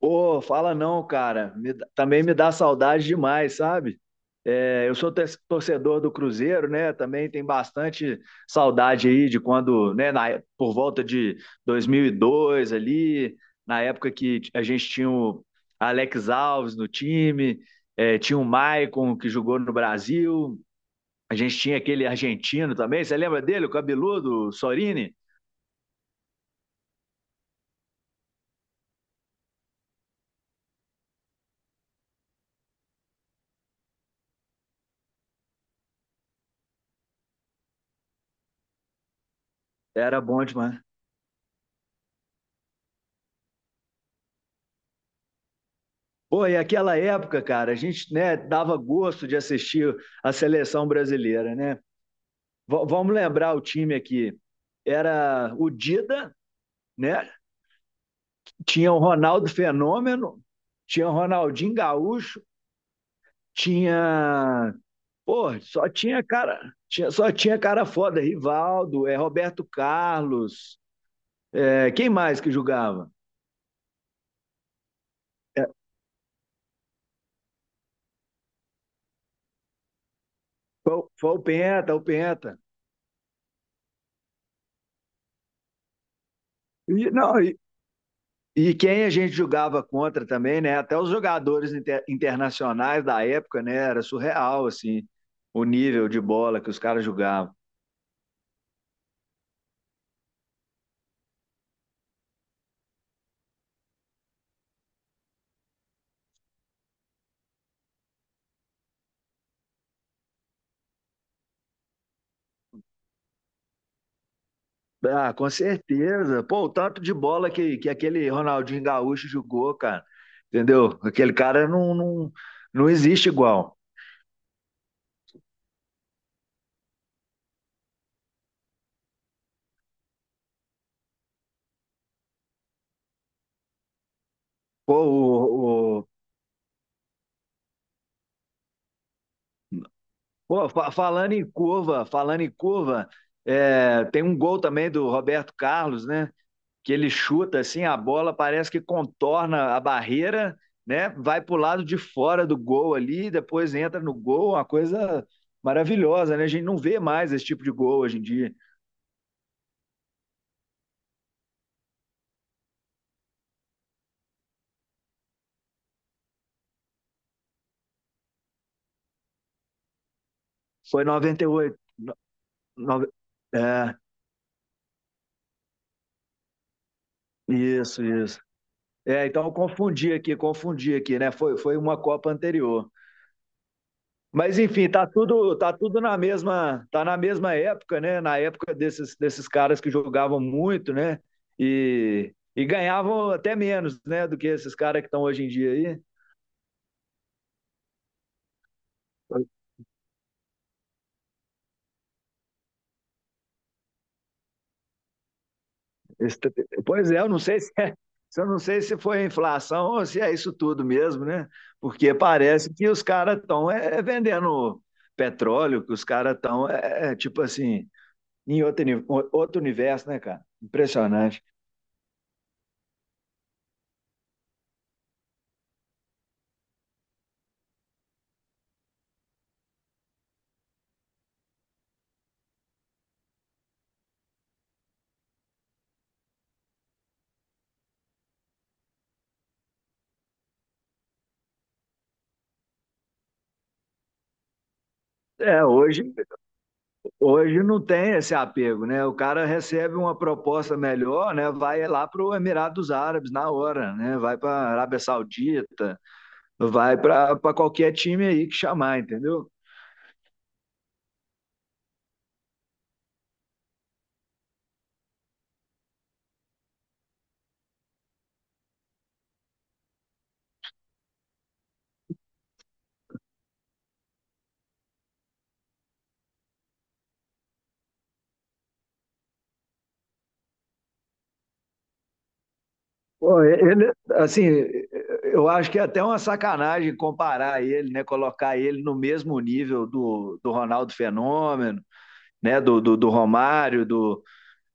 Ô, fala não, cara. Também me dá saudade demais, sabe? É, eu sou torcedor do Cruzeiro, né? Também tem bastante saudade aí de quando, por volta de 2002 ali, na época que a gente tinha o Alex Alves no time, é, tinha o Maicon que jogou no Brasil, a gente tinha aquele argentino também, você lembra dele, o cabeludo, o Sorini? Era bom demais. Pô, e aquela época, cara, a gente, né, dava gosto de assistir a seleção brasileira, né? Vamos lembrar o time aqui. Era o Dida, né? Tinha o Ronaldo Fenômeno, tinha o Ronaldinho Gaúcho, tinha, pô, só tinha cara foda, Rivaldo, é Roberto Carlos, é, quem mais que jogava? É, foi o Penta, o Penta. E, não, e, E quem a gente jogava contra também, né? Até os jogadores internacionais da época, né? Era surreal, assim, o nível de bola que os caras jogavam. Ah, com certeza. Pô, o tanto de bola que aquele Ronaldinho Gaúcho jogou, cara. Entendeu? Aquele cara não existe igual. Pô, o- pô, fa- Falando em curva, é, tem um gol também do Roberto Carlos, né? Que ele chuta assim, a bola parece que contorna a barreira, né? Vai para o lado de fora do gol ali, depois entra no gol, uma coisa maravilhosa, né? A gente não vê mais esse tipo de gol hoje em dia. Foi 98. No, no, é, isso, isso. É, então confundi aqui, né? Foi uma Copa anterior. Mas enfim, tá tudo na mesma, tá na mesma época, né? Na época desses caras que jogavam muito, né? E ganhavam até menos, né, do que esses caras que estão hoje em dia aí. Esse- Pois é, eu não sei se é, eu não sei se foi a inflação ou se é isso tudo mesmo, né? Porque parece que os caras estão é vendendo petróleo, que os caras estão tipo assim, em outro universo, né, cara? Impressionante. É, hoje Hoje não tem esse apego, né? O cara recebe uma proposta melhor, né? Vai lá para o Emirados Árabes na hora, né? Vai para a Arábia Saudita, vai para qualquer time aí que chamar, entendeu? Pô, ele, assim, eu acho que é até uma sacanagem comparar ele, né? Colocar ele no mesmo nível do Ronaldo Fenômeno, né? Do Romário, do,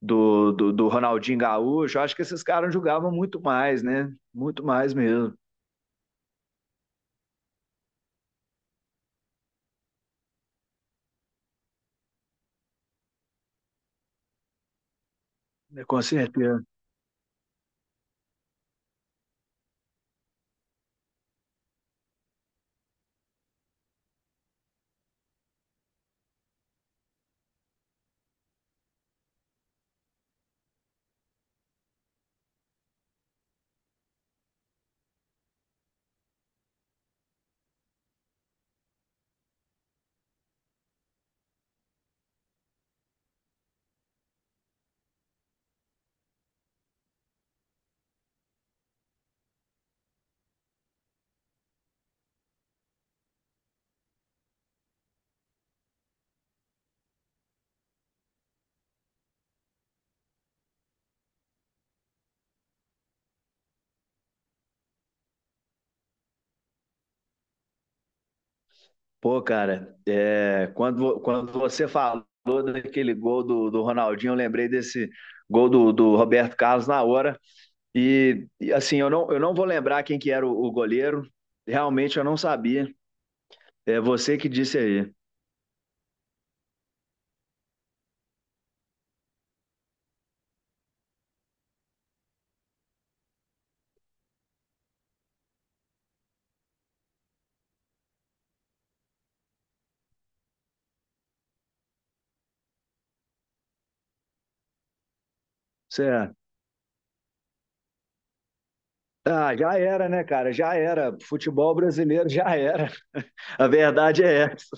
do, do, do Ronaldinho Gaúcho. Eu acho que esses caras jogavam muito mais, né? Muito mais mesmo, né? Com certeza. Pô, cara, é, quando você falou daquele gol do Ronaldinho, eu lembrei desse gol do Roberto Carlos na hora. E, assim, eu não vou lembrar quem que era o goleiro. Realmente eu não sabia. É você que disse aí. Certo. Ah, já era, né, cara? Já era. Futebol brasileiro já era. A verdade é essa.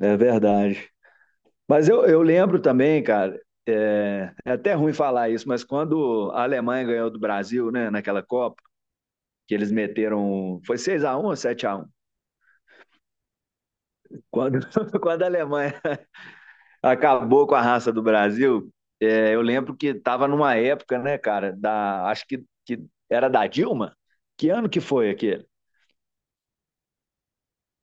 É verdade. Mas eu lembro também, cara, é até ruim falar isso, mas quando a Alemanha ganhou do Brasil, né, naquela Copa, que eles meteram. Foi seis a um ou sete a um. Quando, Quando a Alemanha acabou com a raça do Brasil, é, eu lembro que estava numa época, né, cara, acho que era da Dilma. Que ano que foi aquele?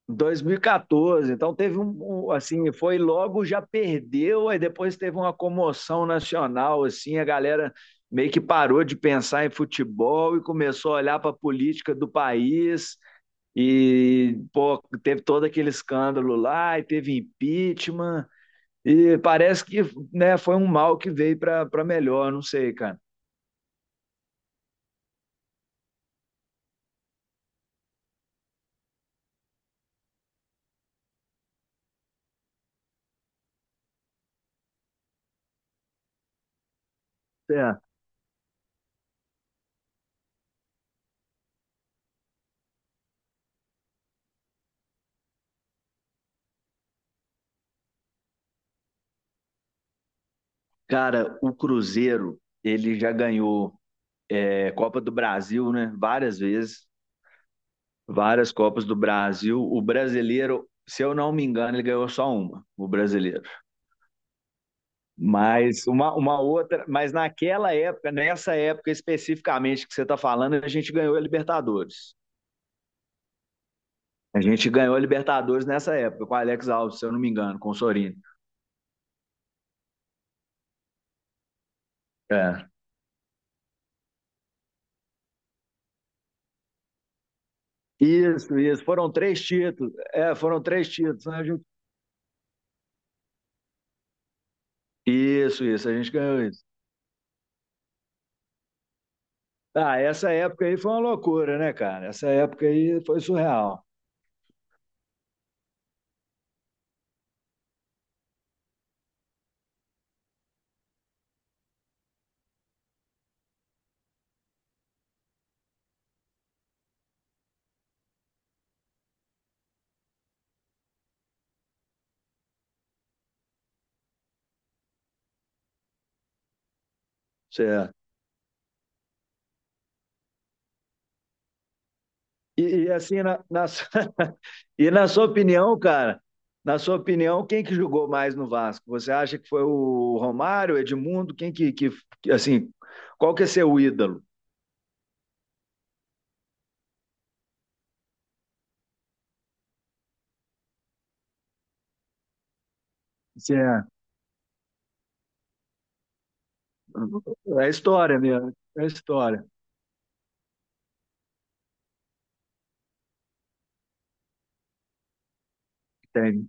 2014, então teve um, assim, foi logo já perdeu, aí depois teve uma comoção nacional, assim, a galera meio que parou de pensar em futebol e começou a olhar para a política do país. E, pô, teve todo aquele escândalo lá, e teve impeachment, e parece que, né, foi um mal que veio para melhor, não sei, cara. É. Cara, o Cruzeiro, ele já ganhou é, Copa do Brasil, né, várias vezes, várias Copas do Brasil. O brasileiro, se eu não me engano, ele ganhou só uma, o brasileiro. Mas uma outra, mas naquela época, Nessa época especificamente que você está falando, a gente ganhou a Libertadores. A gente ganhou a Libertadores nessa época, com o Alex Alves, se eu não me engano, com o Sorino. É. Isso, isso. Foram três títulos. É, foram três títulos, né? A gente- Isso, isso. A gente ganhou isso. Ah, essa época aí foi uma loucura, né, cara? Essa época aí foi surreal. Certo. E assim, na, na e na sua opinião, cara, na sua opinião, quem que jogou mais no Vasco? Você acha que foi o Romário, o Edmundo? Assim, qual que é seu ídolo? Certo. É história mesmo. É história. Que tem.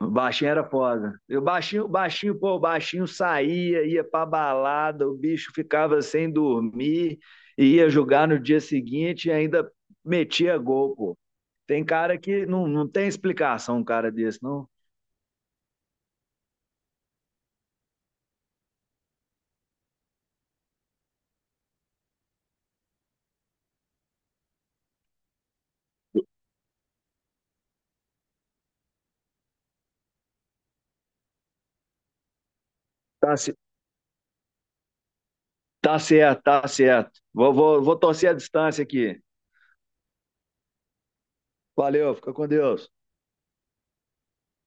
O baixinho era foda. E o baixinho, pô, o baixinho saía, ia pra balada, o bicho ficava sem dormir, e ia jogar no dia seguinte e ainda metia gol, pô. Tem cara que não tem explicação, um cara desse, não. Tá, ce- tá certo, tá certo. Vou torcer a distância aqui. Valeu, fica com Deus.